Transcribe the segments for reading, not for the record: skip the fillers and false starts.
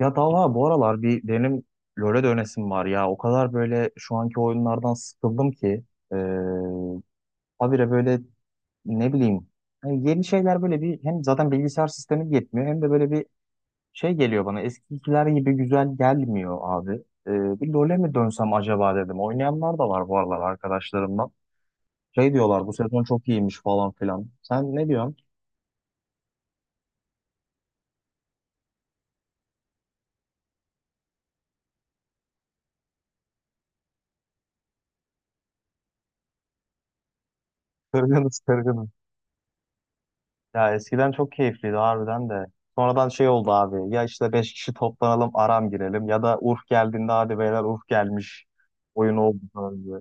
Ya Talha bu aralar bir benim LoL'e dönesim var ya. O kadar böyle şu anki oyunlardan sıkıldım ki. Ee, habire böyle ne bileyim. Hani yeni şeyler böyle bir hem zaten bilgisayar sistemi yetmiyor hem de böyle bir şey geliyor bana. Eskikiler gibi güzel gelmiyor abi. Bir LoL'e mi dönsem acaba dedim. Oynayanlar da var bu aralar arkadaşlarımdan. Şey diyorlar bu sezon çok iyiymiş falan filan. Sen ne diyorsun? Kırgınız. Ya eskiden çok keyifliydi harbiden de. Sonradan şey oldu abi. Ya işte 5 kişi toplanalım aram girelim. Ya da Urf geldiğinde hadi beyler Urf gelmiş. Oyun oldu falan diye.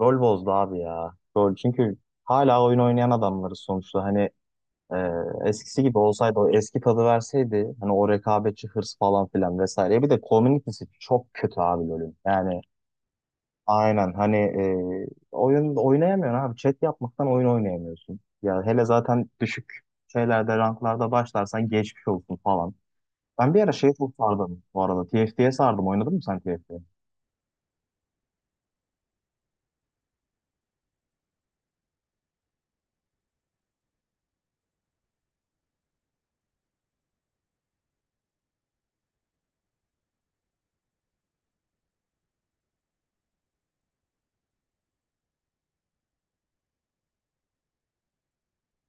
Rol bozdu abi ya. Rol çünkü hala oyun oynayan adamlarız sonuçta. E, Eskisi gibi olsaydı o eski tadı verseydi. Hani o rekabetçi hırs falan filan vesaire. Bir de community'si çok kötü abi LoL'ün. Yani Aynen hani e, oyun oynayamıyorsun abi. Chat yapmaktan oyun oynayamıyorsun. Ya hele zaten düşük şeylerde ranklarda başlarsan geçmiş olsun falan. Ben bir ara şey çok sardım bu arada. T F TFT'ye sardım. Oynadın mı sen T F T?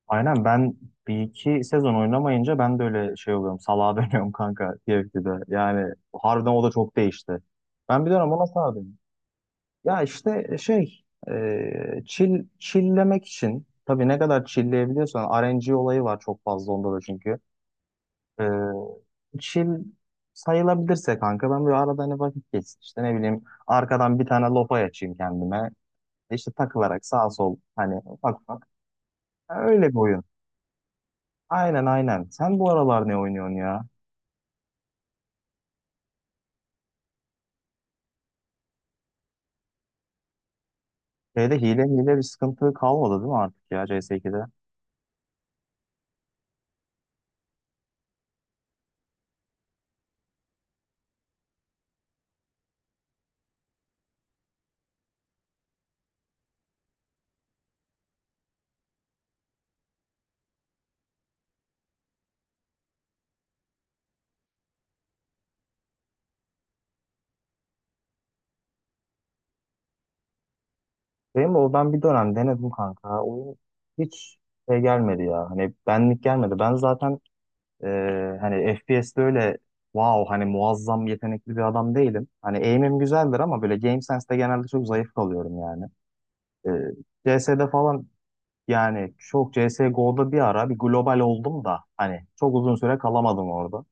Aynen ben bir iki sezon oynamayınca ben de öyle şey oluyorum. Salağa dönüyorum kanka T F TFT'de. Yani harbiden o da çok değişti. Ben bir dönem ona sardım. Ya işte e, şey Chill, chilllemek için tabii ne kadar chillleyebiliyorsan R N G olayı var çok fazla onda da çünkü. Chill sayılabilirse kanka ben böyle arada hani vakit geçsin işte ne bileyim arkadan bir tane lopa açayım kendime işte takılarak sağ sol hani ufak ufak. Ha, öyle bir oyun. Aynen aynen. Sen bu aralar ne oynuyorsun ya? Şeyde hile hile bir sıkıntı kalmadı değil mi artık ya CS2'de? Benim de o ben bir dönem denedim kanka. Oyun hiç şey gelmedi ya. Hani benlik gelmedi. Ben zaten, hani FPS'de öyle wow hani muazzam yetenekli bir adam değilim. Hani aim'im güzeldir ama böyle GameSense'de genelde çok zayıf kalıyorum yani. Ee, CS'de falan yani çok CSGO'da bir ara bir global oldum da hani çok uzun süre kalamadım orada.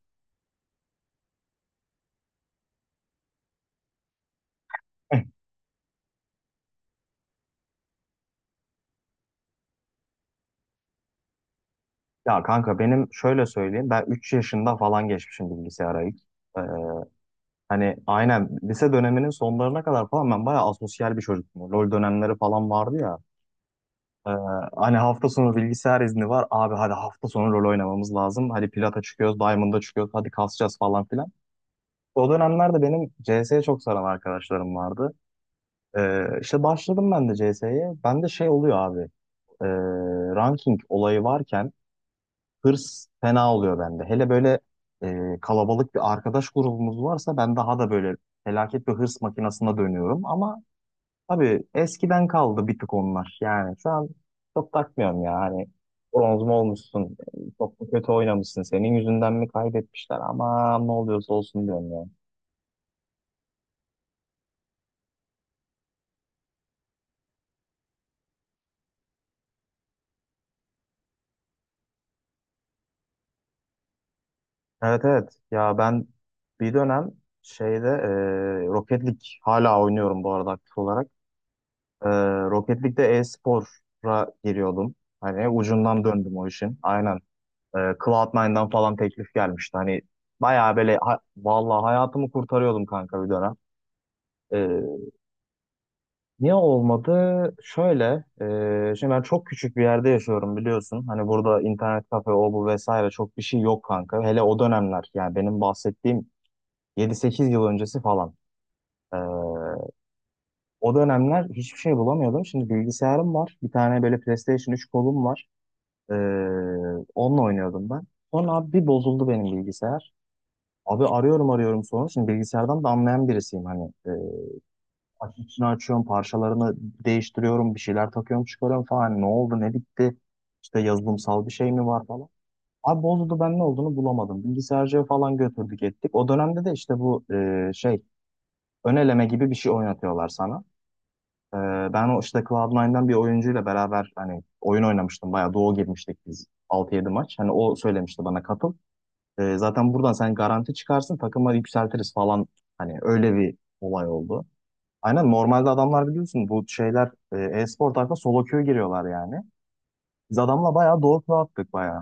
Ya kanka benim şöyle söyleyeyim ben 3 yaşında falan geçmişim bilgisayara ilk. Ee, aynen lise döneminin sonlarına kadar falan ben bayağı asosyal bir çocuktum. LoL dönemleri falan vardı ya. Ee, Hani hafta sonu bilgisayar izni var. Abi hadi hafta sonu rol oynamamız lazım. Hadi Plat'a çıkıyoruz, Diamond'a çıkıyoruz. Hadi kasacağız falan filan. O dönemlerde benim CS'ye çok saran arkadaşlarım vardı. İşte başladım ben de CS'ye. Bende şey oluyor abi. ee, Ranking olayı varken hırs fena oluyor bende. Hele böyle kalabalık bir arkadaş grubumuz varsa ben daha da böyle felaket bir hırs makinasına dönüyorum. Ama abi eskiden kaldı bir tık onlar. Yani şu an çok takmıyorum ya. Hani bronz mu olmuşsun? Çok mu kötü oynamışsın? Senin yüzünden mi kaybetmişler? Ama ne oluyorsa olsun diyorum ya. Evet, evet. Ya ben bir dönem, Rocket League hala oynuyorum bu arada aktif olarak. E, Rocket League'de e-spor'a giriyordum. Hani ucundan döndüm o işin. Aynen. Cloud9'dan falan teklif gelmişti. Hani bayağı böyle vallahi hayatımı kurtarıyordum kanka bir dönem. Niye olmadı? Şöyle, şimdi ben çok küçük bir yerde yaşıyorum biliyorsun. Hani burada internet kafe, o bu vesaire çok bir şey yok kanka. Hele o dönemler yani benim bahsettiğim 7 8 yıl öncesi falan. E, O dönemler hiçbir şey bulamıyordum. Şimdi bilgisayarım var. Bir tane böyle PlayStation 3 kolum var. E, Onunla oynuyordum ben. Sonra abi bir bozuldu benim bilgisayar. Abi arıyorum arıyorum sonra. Şimdi bilgisayardan da anlayan birisiyim hani. İçini açıyorum, parçalarını değiştiriyorum, bir şeyler takıyorum, çıkarıyorum falan. Hani ne oldu, ne bitti? İşte yazılımsal bir şey mi var falan. Abi bozuldu ben ne olduğunu bulamadım. Bilgisayarcıya falan götürdük ettik. O dönemde de işte bu e, şey ön eleme gibi bir şey oynatıyorlar sana. E, Ben o işte Cloud9'dan bir oyuncuyla beraber hani oyun oynamıştım. Bayağı duo girmiştik biz 6 7 maç. Hani o söylemişti bana katıl. Zaten buradan sen garanti çıkarsın takıma yükseltiriz falan. Hani öyle bir olay oldu. Aynen, normalde adamlar biliyorsun bu şeyler, e-spor tarafına solo queue giriyorlar yani. Biz adamla bayağı doğu turu attık bayağı.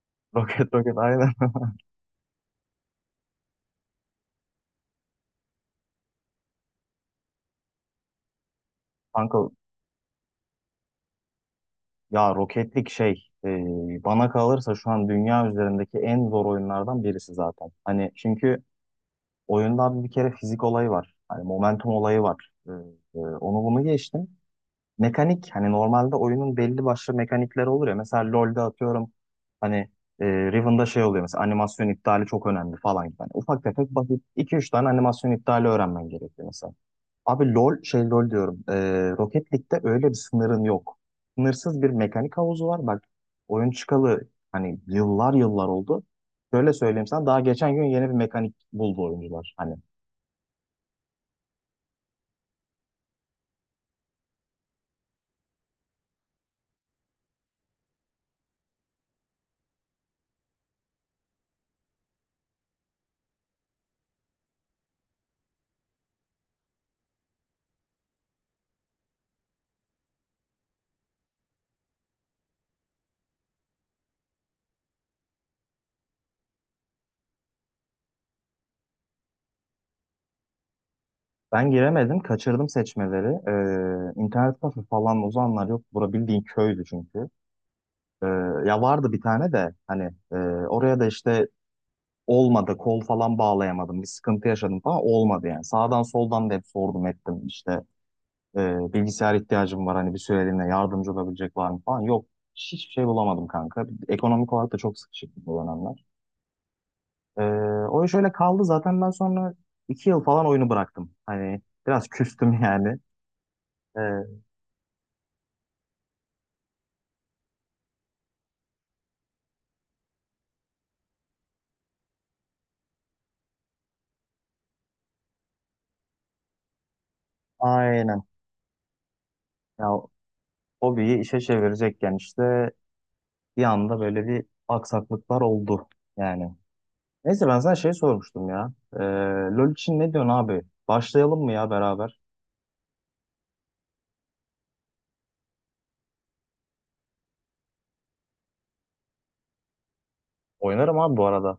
Roket roket aynen. Kanka, ya roketlik, bana kalırsa şu an dünya üzerindeki en zor oyunlardan birisi zaten. Hani çünkü oyunda abi bir kere fizik olayı var. Hani momentum olayı var. Onu bunu geçtim. Mekanik hani normalde oyunun belli başlı mekanikleri olur ya. Mesela LoL'de atıyorum hani, Riven'da şey oluyor mesela animasyon iptali çok önemli falan gibi. Hani ufak tefek basit 2 3 tane animasyon iptali öğrenmen gerekiyor mesela. Abi LoL şey LoL diyorum. Rocket League'de öyle bir sınırın yok. Sınırsız bir mekanik havuzu var. Bak oyun çıkalı hani yıllar yıllar oldu. Şöyle söyleyeyim sana daha geçen gün yeni bir mekanik buldu oyuncular. Hani ben giremedim, kaçırdım seçmeleri. İnternet kafe falan o zamanlar yok. Bura bildiğin köydü çünkü. Ee, ya vardı bir tane de hani, oraya da işte olmadı, kol falan bağlayamadım, bir sıkıntı yaşadım falan olmadı yani. Sağdan soldan da hep sordum ettim işte, bilgisayar ihtiyacım var hani bir süreliğine yardımcı olabilecek var mı falan yok. Hiçbir şey bulamadım kanka. Ekonomik olarak da çok sıkışıktı bu dönemler. Ee, O iş öyle kaldı zaten ben sonra 2 yıl falan oyunu bıraktım. Hani biraz küstüm yani. Ee, Aynen. Ya hobiyi işe çevirecekken işte bir anda böyle bir aksaklıklar oldu yani. Neyse ben sana şey sormuştum ya. LoL için ne diyorsun abi? Başlayalım mı ya beraber? Oynarım abi bu arada.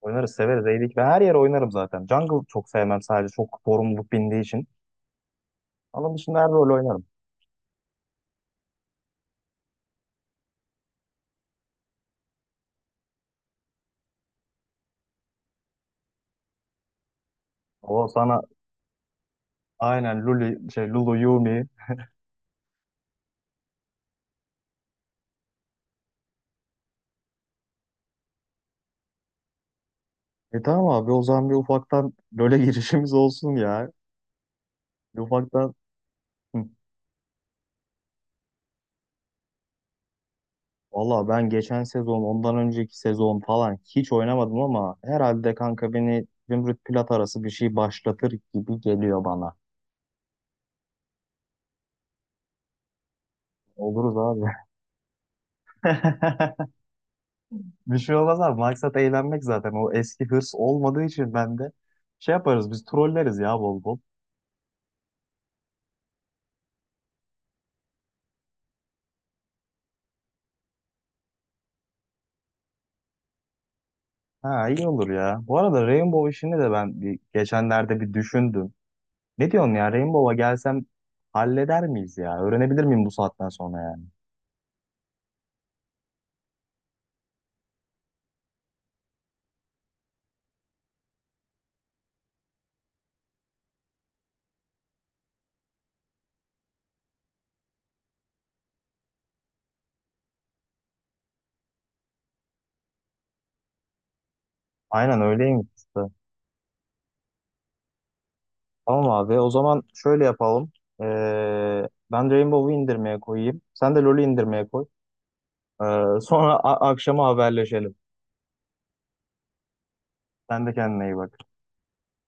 Oynarız, severiz, eğilik. Ben her yere oynarım zaten. Jungle çok sevmem sadece çok sorumluluk bindiği için. Onun dışında her rol oynarım. O sana aynen Luli, şey, Lulu, Yumi. E tamam abi o zaman bir ufaktan LoL'e girişimiz olsun ya. Bir ufaktan. Hı. Valla ben geçen sezon, ondan önceki sezon falan hiç oynamadım ama herhalde kanka beni Zümrüt Pilat arası bir şey başlatır gibi geliyor bana. Oluruz abi. Bir şey olmaz abi. Maksat eğlenmek zaten. O eski hırs olmadığı için bende şey yaparız biz trolleriz ya bol bol. Ha iyi olur ya. Bu arada Rainbow işini de ben bir, geçenlerde bir düşündüm. Ne diyorsun ya Rainbow'a gelsem halleder miyiz ya? Öğrenebilir miyim bu saatten sonra yani? Aynen öyleymiş işte. Tamam abi o zaman şöyle yapalım. Ben Rainbow'u indirmeye koyayım. Sen de LoL'ü indirmeye koy. Sonra akşama haberleşelim. Sen de kendine iyi bak.